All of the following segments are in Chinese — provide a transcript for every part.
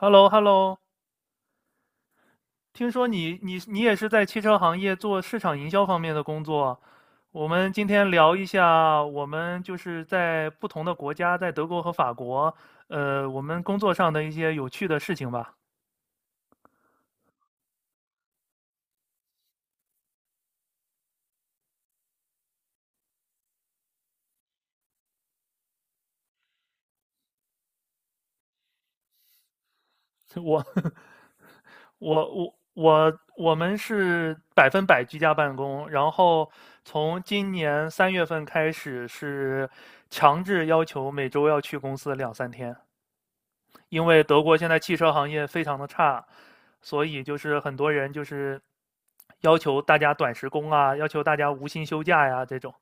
h e l l o h e l l o 听说你也是在汽车行业做市场营销方面的工作。我们今天聊一下，我们就是在不同的国家，在德国和法国，我们工作上的一些有趣的事情吧。我 我们是百分百居家办公，然后从今年3月份开始是强制要求每周要去公司两三天。因为德国现在汽车行业非常的差，所以就是很多人就是要求大家短时工啊，要求大家无薪休假呀这种，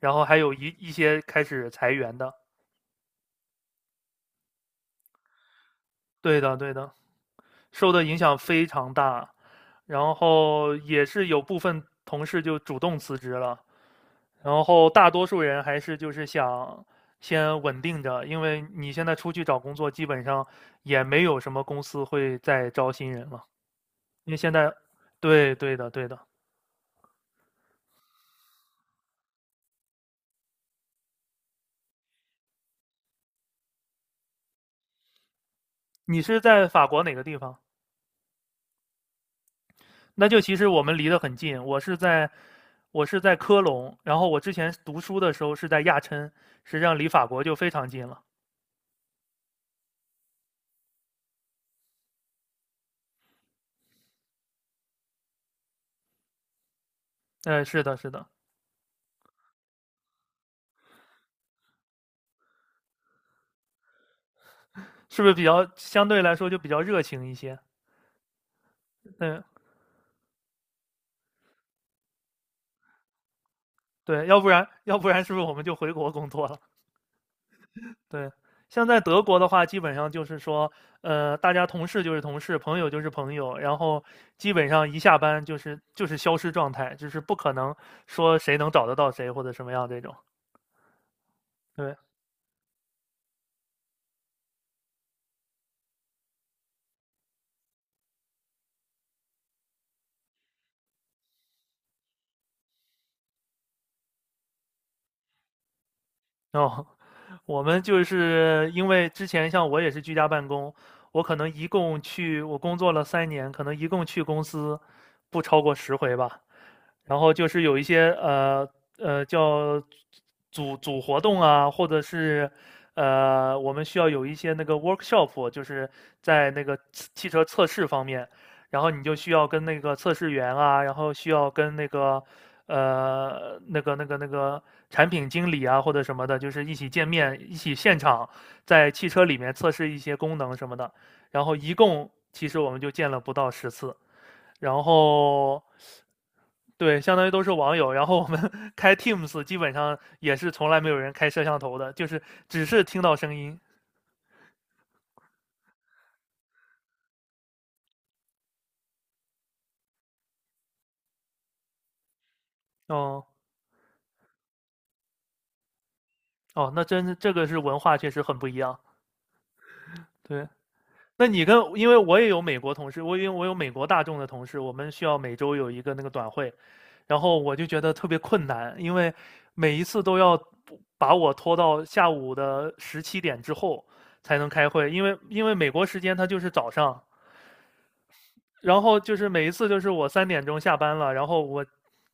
然后还有一些开始裁员的，对的对的，受的影响非常大，然后也是有部分同事就主动辞职了，然后大多数人还是就是想先稳定着，因为你现在出去找工作，基本上也没有什么公司会再招新人了。因为现在，对对的对的，你是在法国哪个地方？那就其实我们离得很近，我是在科隆，然后我之前读书的时候是在亚琛，实际上离法国就非常近了。嗯，是的，是的，是不是比较相对来说就比较热情一些？嗯，对，要不然是不是我们就回国工作了？对，像在德国的话，基本上就是说，大家同事就是同事，朋友就是朋友，然后基本上一下班就是消失状态，就是不可能说谁能找得到谁或者什么样这种。对，哦，我们就是因为之前像我也是居家办公，我可能一共去我工作了3年，可能一共去公司不超过10回吧。然后就是有一些叫组活动啊，或者是我们需要有一些那个 workshop，就是在那个汽车测试方面，然后你就需要跟那个测试员啊，然后需要跟那个产品经理啊或者什么的，就是一起见面，一起现场在汽车里面测试一些功能什么的。然后一共其实我们就见了不到10次。然后对，相当于都是网友。然后我们 开 Teams，基本上也是从来没有人开摄像头的，就是只是听到声音。哦哦，那真是这个是文化，确实很不一样。对，那你跟因为我也有美国同事，我因为我有美国大众的同事，我们需要每周有一个那个短会，然后我就觉得特别困难，因为每一次都要把我拖到下午的17点之后才能开会，因为美国时间它就是早上，然后就是每一次就是我3点钟下班了，然后我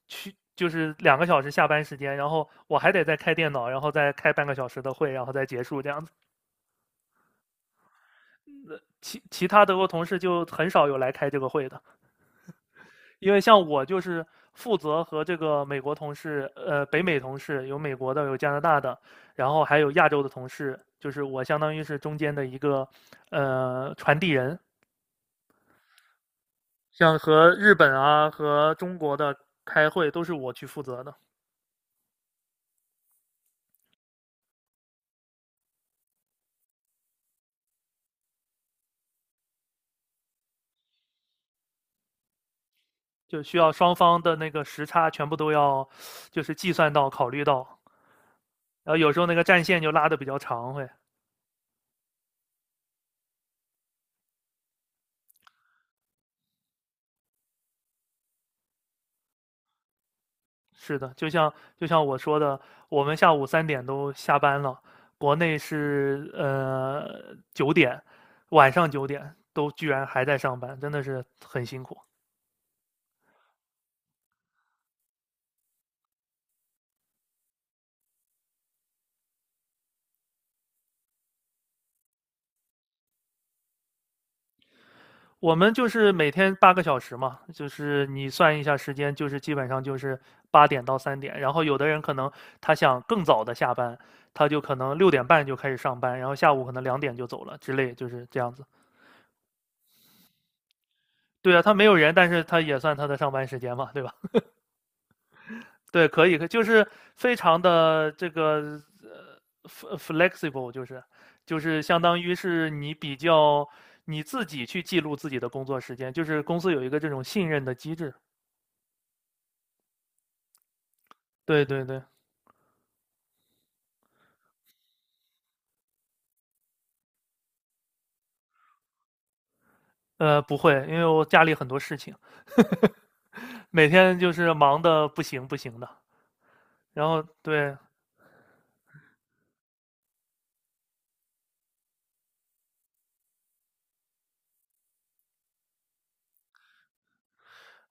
去就是两个小时下班时间，然后我还得再开电脑，然后再开半个小时的会，然后再结束这样子。其他德国同事就很少有来开这个会的，因为像我就是负责和这个美国同事，呃，北美同事有美国的，有加拿大的，然后还有亚洲的同事，就是我相当于是中间的一个传递人，像和日本啊和中国的开会都是我去负责的。就需要双方的那个时差全部都要，就是计算到、考虑到，然后有时候那个战线就拉的比较长会。是的，就像我说的，我们下午三点都下班了，国内是九点，晚上九点都居然还在上班，真的是很辛苦。我们就是每天8个小时嘛，就是你算一下时间，就是基本上就是8点到3点。然后有的人可能他想更早的下班，他就可能6点半就开始上班，然后下午可能2点就走了之类，就是这样子。对啊，他没有人，但是他也算他的上班时间嘛，对吧？对，可以，就是非常的这个flexible，就是相当于是你比较你自己去记录自己的工作时间，就是公司有一个这种信任的机制。对对对。不会，因为我家里很多事情，每天就是忙的不行不行的。然后对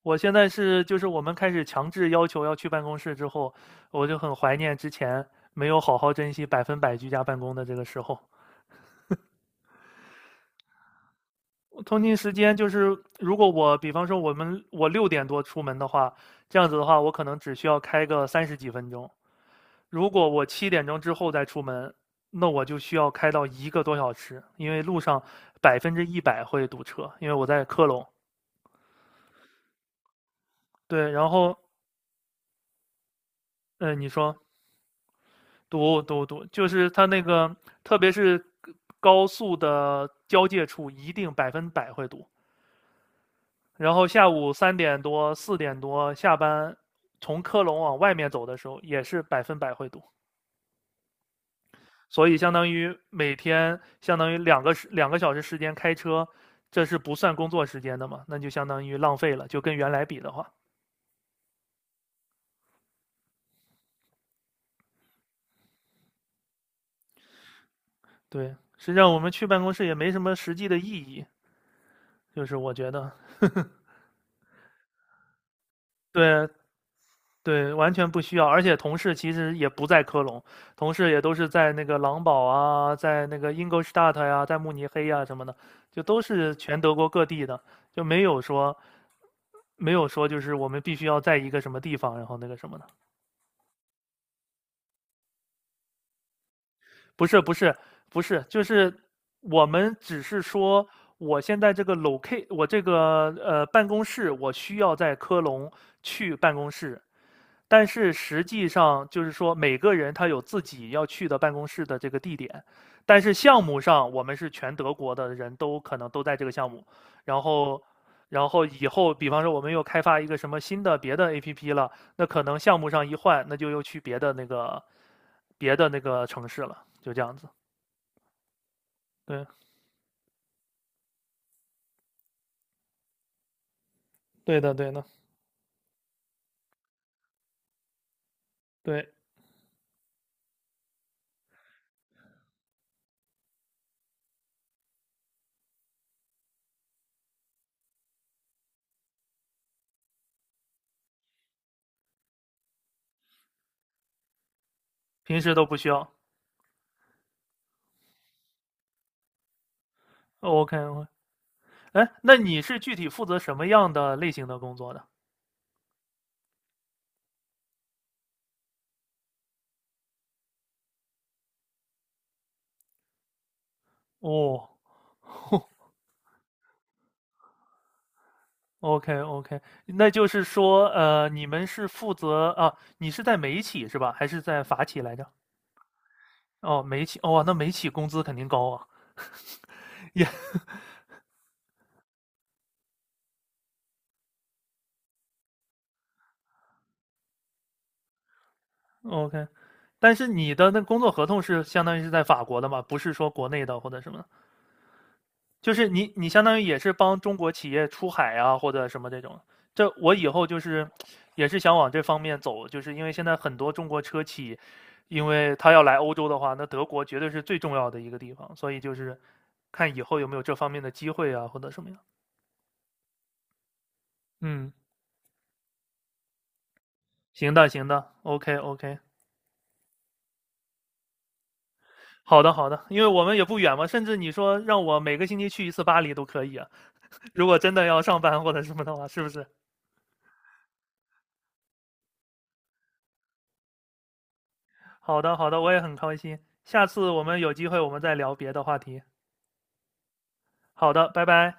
我现在是，就是我们开始强制要求要去办公室之后，我就很怀念之前没有好好珍惜百分百居家办公的这个时候。通勤时间就是，如果我比方说我6点多出门的话，这样子的话，我可能只需要开个30几分钟，如果我7点钟之后再出门，那我就需要开到一个多小时，因为路上100%会堵车，因为我在科隆。对，然后，嗯、你说堵堵堵，就是它那个，特别是高速的交界处，一定百分百会堵。然后下午3点多、4点多下班，从科隆往外面走的时候，也是百分百会堵。所以相当于每天相当于两个小时时间开车，这是不算工作时间的嘛？那就相当于浪费了，就跟原来比的话，对，实际上我们去办公室也没什么实际的意义，就是我觉得，对对，完全不需要。而且同事其实也不在科隆，同事也都是在那个狼堡啊，在那个 Ingolstadt 呀、在慕尼黑呀、什么的，就都是全德国各地的，就没有说就是我们必须要在一个什么地方，然后那个什么的。不是不是不是，就是我们只是说，我现在这个 locate，我这个办公室，我需要在科隆去办公室，但是实际上就是说，每个人他有自己要去的办公室的这个地点，但是项目上我们是全德国的人都可能都在这个项目，然后，然后以后比方说我们又开发一个什么新的别的 APP 了，那可能项目上一换，那就又去别的那个城市了，就这样子。对，对的，对的，对，平时都不需要。OK，OK。哎，那你是具体负责什么样的类型的工作的？哦，OK OK，那就是说，你们是负责啊？你是在美企是吧？还是在法企来着？哦，美企，哦，那美企工资肯定高啊，也 OK。但是你的那工作合同是相当于是在法国的嘛？不是说国内的或者什么就是你相当于也是帮中国企业出海啊，或者什么这种。这我以后就是也是想往这方面走，就是因为现在很多中国车企，因为他要来欧洲的话，那德国绝对是最重要的一个地方，所以就是看以后有没有这方面的机会啊，或者什么样。嗯，行的，OK OK。好的，好的，因为我们也不远嘛，甚至你说让我每个星期去一次巴黎都可以啊。如果真的要上班或者什么的话，是不是？好的，好的，我也很开心。下次我们有机会我们再聊别的话题。好的，拜拜。